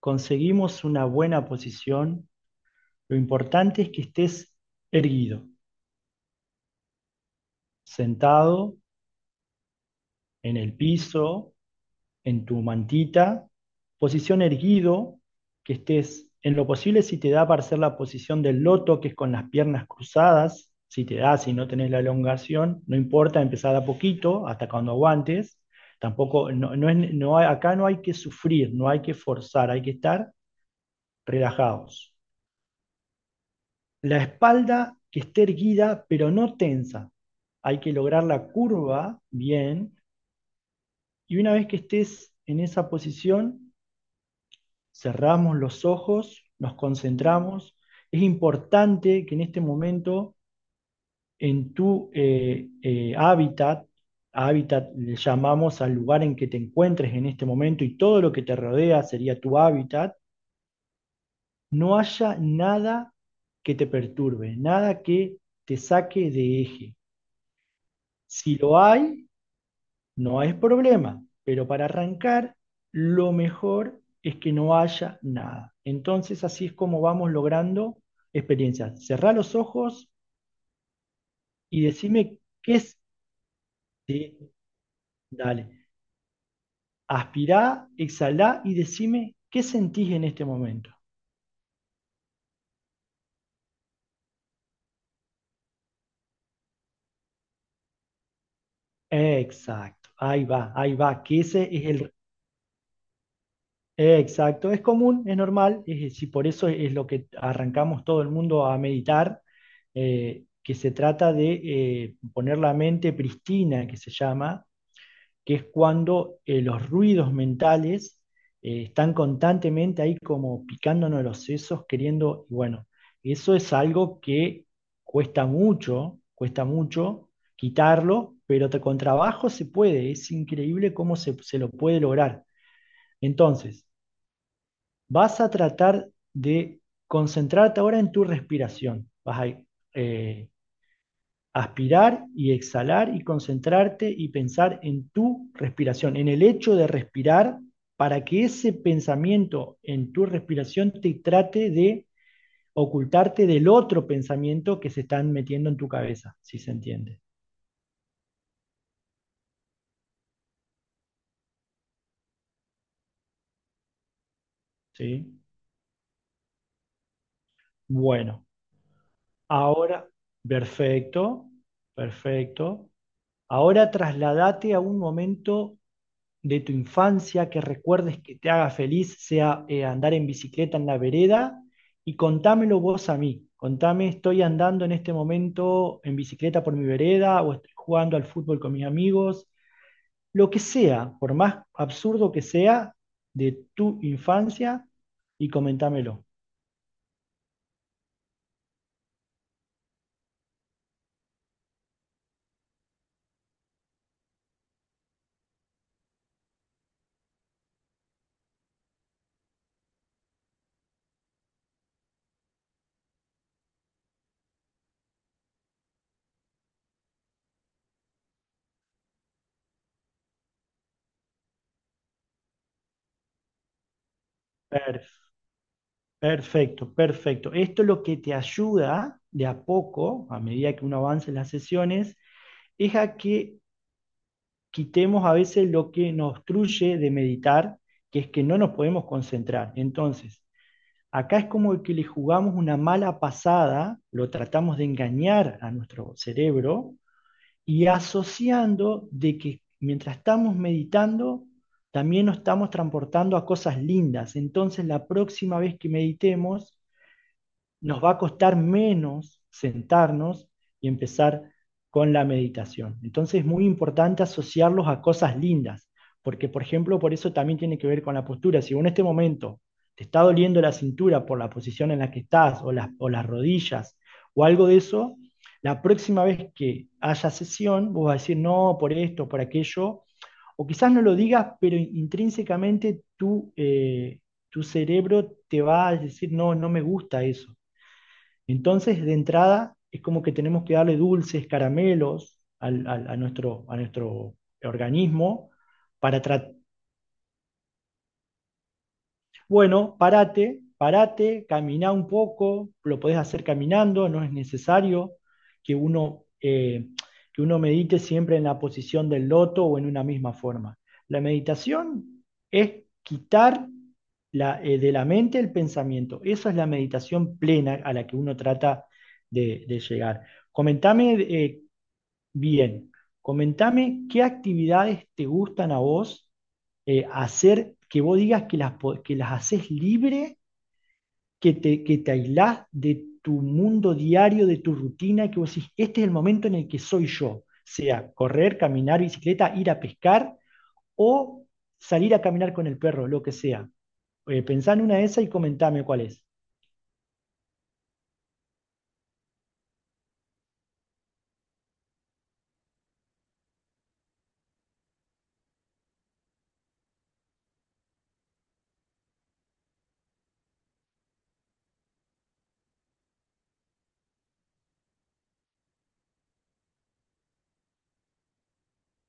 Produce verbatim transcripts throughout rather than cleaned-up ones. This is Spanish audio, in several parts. Conseguimos una buena posición, lo importante es que estés erguido, sentado en el piso, en tu mantita, posición erguido, que estés en lo posible si te da para hacer la posición del loto, que es con las piernas cruzadas, si te da, si no tenés la elongación, no importa, empezar a poquito, hasta cuando aguantes. Tampoco, no, no es, no hay- acá no hay que sufrir, no hay que forzar, hay que estar relajados. La espalda que esté erguida, pero no tensa. Hay que lograr la curva bien. Y una vez que estés en esa posición, cerramos los ojos, nos concentramos. Es importante que en este momento, en tu eh, eh, hábitat, hábitat le llamamos al lugar en que te encuentres en este momento y todo lo que te rodea sería tu hábitat, no haya nada que te perturbe, nada que te saque de eje. Si lo hay, no es problema, pero para arrancar, lo mejor es que no haya nada. Entonces, así es como vamos logrando experiencias. Cerrá los ojos y decime qué es. Sí, dale. Aspirá, exhalá y decime qué sentís en este momento. Exacto. Ahí va, ahí va, que ese es el... Exacto, es común, es normal, es, y por eso es lo que arrancamos todo el mundo a meditar, eh, que se trata de eh, poner la mente pristina, que se llama, que es cuando eh, los ruidos mentales eh, están constantemente ahí como picándonos los sesos, queriendo, y bueno, eso es algo que cuesta mucho, cuesta mucho quitarlo, pero te- con trabajo se puede, es increíble cómo se se lo puede lograr. Entonces, vas a tratar de concentrarte ahora en tu respiración. Vas a eh, aspirar y exhalar y concentrarte y pensar en tu respiración, en el hecho de respirar, para que ese pensamiento en tu respiración te trate de ocultarte del otro pensamiento que se están metiendo en tu cabeza, si se entiende. ¿Sí? Bueno, ahora, perfecto, perfecto. Ahora trasladate a un momento de tu infancia que recuerdes que te haga feliz, sea eh, andar en bicicleta en la vereda y contámelo vos a mí. Contame, estoy andando en este momento en bicicleta por mi vereda o estoy jugando al fútbol con mis amigos, lo que sea, por más absurdo que sea, de tu infancia y comentámelo. Per- Perfecto, perfecto. Esto es lo que te ayuda de a poco, a medida que uno avance en las sesiones, es a que quitemos a veces lo que nos obstruye de meditar, que es que no nos podemos concentrar. Entonces, acá es como que le jugamos una mala pasada, lo tratamos de engañar a nuestro cerebro y asociando de que mientras estamos meditando, también nos estamos transportando a cosas lindas. Entonces, la próxima vez que meditemos, nos va a costar menos sentarnos y empezar con la meditación. Entonces es muy importante asociarlos a cosas lindas, porque por ejemplo, por eso también tiene que ver con la postura. Si vos en este momento te está doliendo la cintura por la posición en la que estás, o las, o las rodillas, o algo de eso, la próxima vez que haya sesión, vos vas a decir, no, por esto, por aquello, o quizás no lo digas, pero intrínsecamente tú... Eh, tu cerebro te va a decir, no, no me gusta eso. Entonces, de entrada, es como que tenemos que darle dulces, caramelos al- al- a nuestro, a nuestro organismo para, tra- bueno, parate, parate, camina un poco, lo podés hacer caminando, no es necesario que uno, eh, que uno medite siempre en la posición del loto o en una misma forma. La meditación es quitar la, eh, de la mente el pensamiento. Esa es la meditación plena a la que uno trata de, de llegar. Comentame eh, bien, comentame qué actividades te gustan a vos eh, hacer, que vos digas que las, po- que las haces libre, que te, que te aislás de tu mundo diario, de tu rutina, que vos decís, este es el momento en el que soy yo, sea correr, caminar, bicicleta, ir a pescar o salir a caminar con el perro, lo que sea. Eh, pensá en una de esas y comentame cuál es.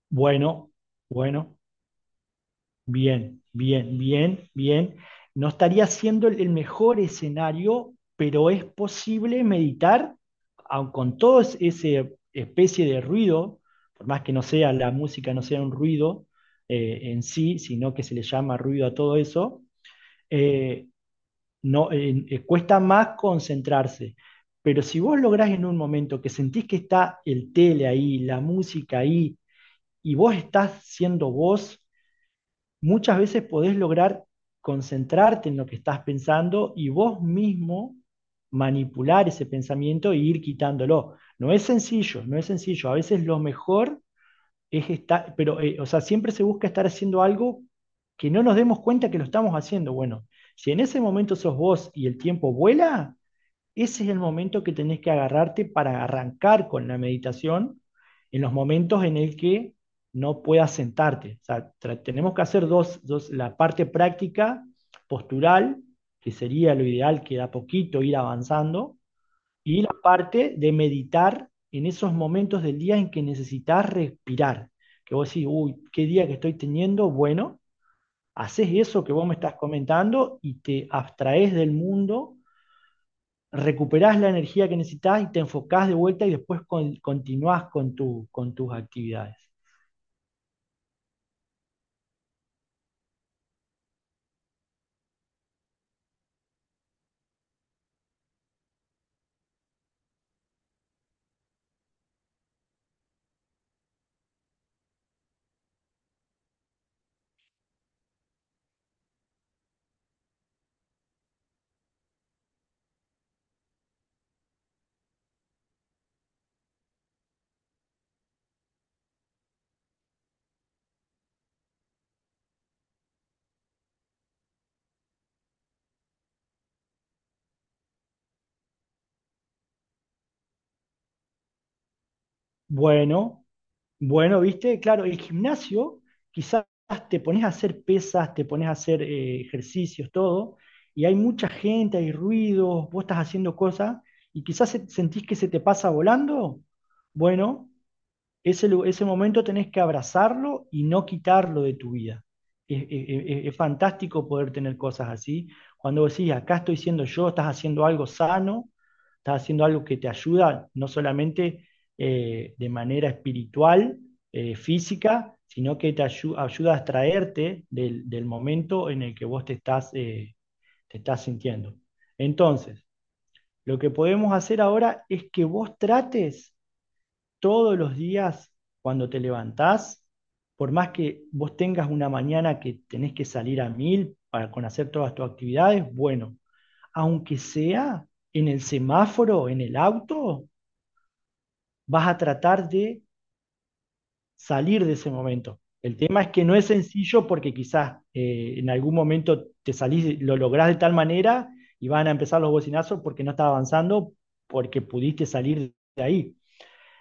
Bueno, bueno. Bien, bien, bien, bien. No estaría siendo el el mejor escenario, pero es posible meditar aun con todo es- ese especie de ruido, por más que no sea la música, no sea un ruido eh, en sí, sino que se le llama ruido a todo eso, eh, no, eh, eh, cuesta más concentrarse. Pero si vos lográs en un momento que sentís que está el tele ahí, la música ahí, y vos estás siendo vos, muchas veces podés lograr concentrarte en lo que estás pensando y vos mismo manipular ese pensamiento e ir quitándolo. No es sencillo, no es sencillo. A veces lo mejor es estar, pero, eh, o sea, siempre se busca estar haciendo algo que no nos demos cuenta que lo estamos haciendo. Bueno, si en ese momento sos vos y el tiempo vuela, ese es el momento que tenés que agarrarte para arrancar con la meditación en los momentos en el que no puedas sentarte. O sea, tra- tenemos que hacer dos, dos, la parte práctica postural, que sería lo ideal, que da poquito ir avanzando, y la parte de meditar en esos momentos del día en que necesitas respirar. Que vos decís, uy, qué día que estoy teniendo, bueno, haces eso que vos me estás comentando y te abstraes del mundo, recuperás la energía que necesitas y te enfocás de vuelta y después con- continuás con, tu- con tus actividades. Bueno, bueno, viste, claro, el gimnasio quizás te pones a hacer pesas, te pones a hacer eh, ejercicios, todo, y hay mucha gente, hay ruidos, vos estás haciendo cosas y quizás se- sentís que se te pasa volando. Bueno, Ese, ese momento tenés que abrazarlo y no quitarlo de tu vida. Es, es- es- fantástico poder tener cosas así. Cuando vos decís, acá estoy siendo yo, estás haciendo algo sano, estás haciendo algo que te ayuda, no solamente eh, de manera espiritual, eh, física, sino que te ayu- ayuda a extraerte del, del momento en el que vos te estás, eh, te estás sintiendo. Entonces, lo que podemos hacer ahora es que vos trates todos los días cuando te levantás, por más que vos tengas una mañana que tenés que salir a mil para con hacer todas tus actividades, bueno, aunque sea en el semáforo, en el auto, vas a tratar de salir de ese momento. El tema es que no es sencillo porque quizás eh, en algún momento te salís, lo lográs de tal manera y van a empezar los bocinazos porque no estás avanzando, porque pudiste salir de ahí.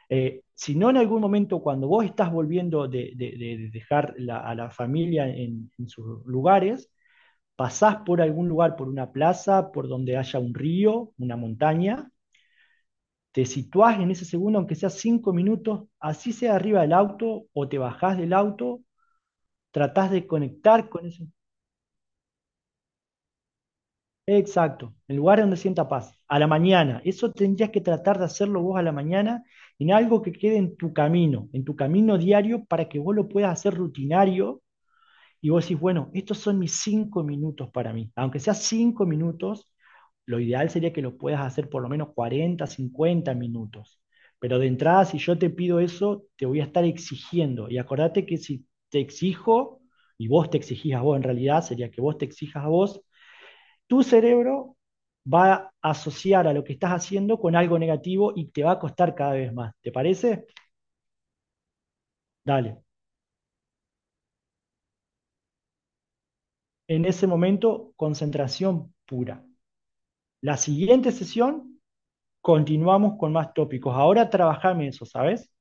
Eh, si no en algún momento cuando vos estás volviendo de, de- de dejar la- a la familia en, en sus lugares, pasás por algún lugar, por una plaza, por donde haya un río, una montaña, te situás en ese segundo, aunque sea cinco minutos, así sea arriba del auto o te bajás del auto, tratás de conectar con eso. Exacto, el lugar donde sienta paz, a la mañana. Eso tendrías que tratar de hacerlo vos a la mañana en algo que quede en tu camino, en tu camino diario para que vos lo puedas hacer rutinario y vos decís, bueno, estos son mis cinco minutos para mí. Aunque sea cinco minutos, lo ideal sería que lo puedas hacer por lo menos cuarenta, cincuenta minutos. Pero de entrada, si yo te pido eso, te voy a estar exigiendo. Y acordate que si te exijo, y vos te exigís a vos, en realidad sería que vos te exijas a vos, tu cerebro va a asociar a lo que estás haciendo con algo negativo y te va a costar cada vez más. ¿Te parece? Dale. En ese momento, concentración pura. La siguiente sesión, continuamos con más tópicos. Ahora trabajame eso, ¿sabes?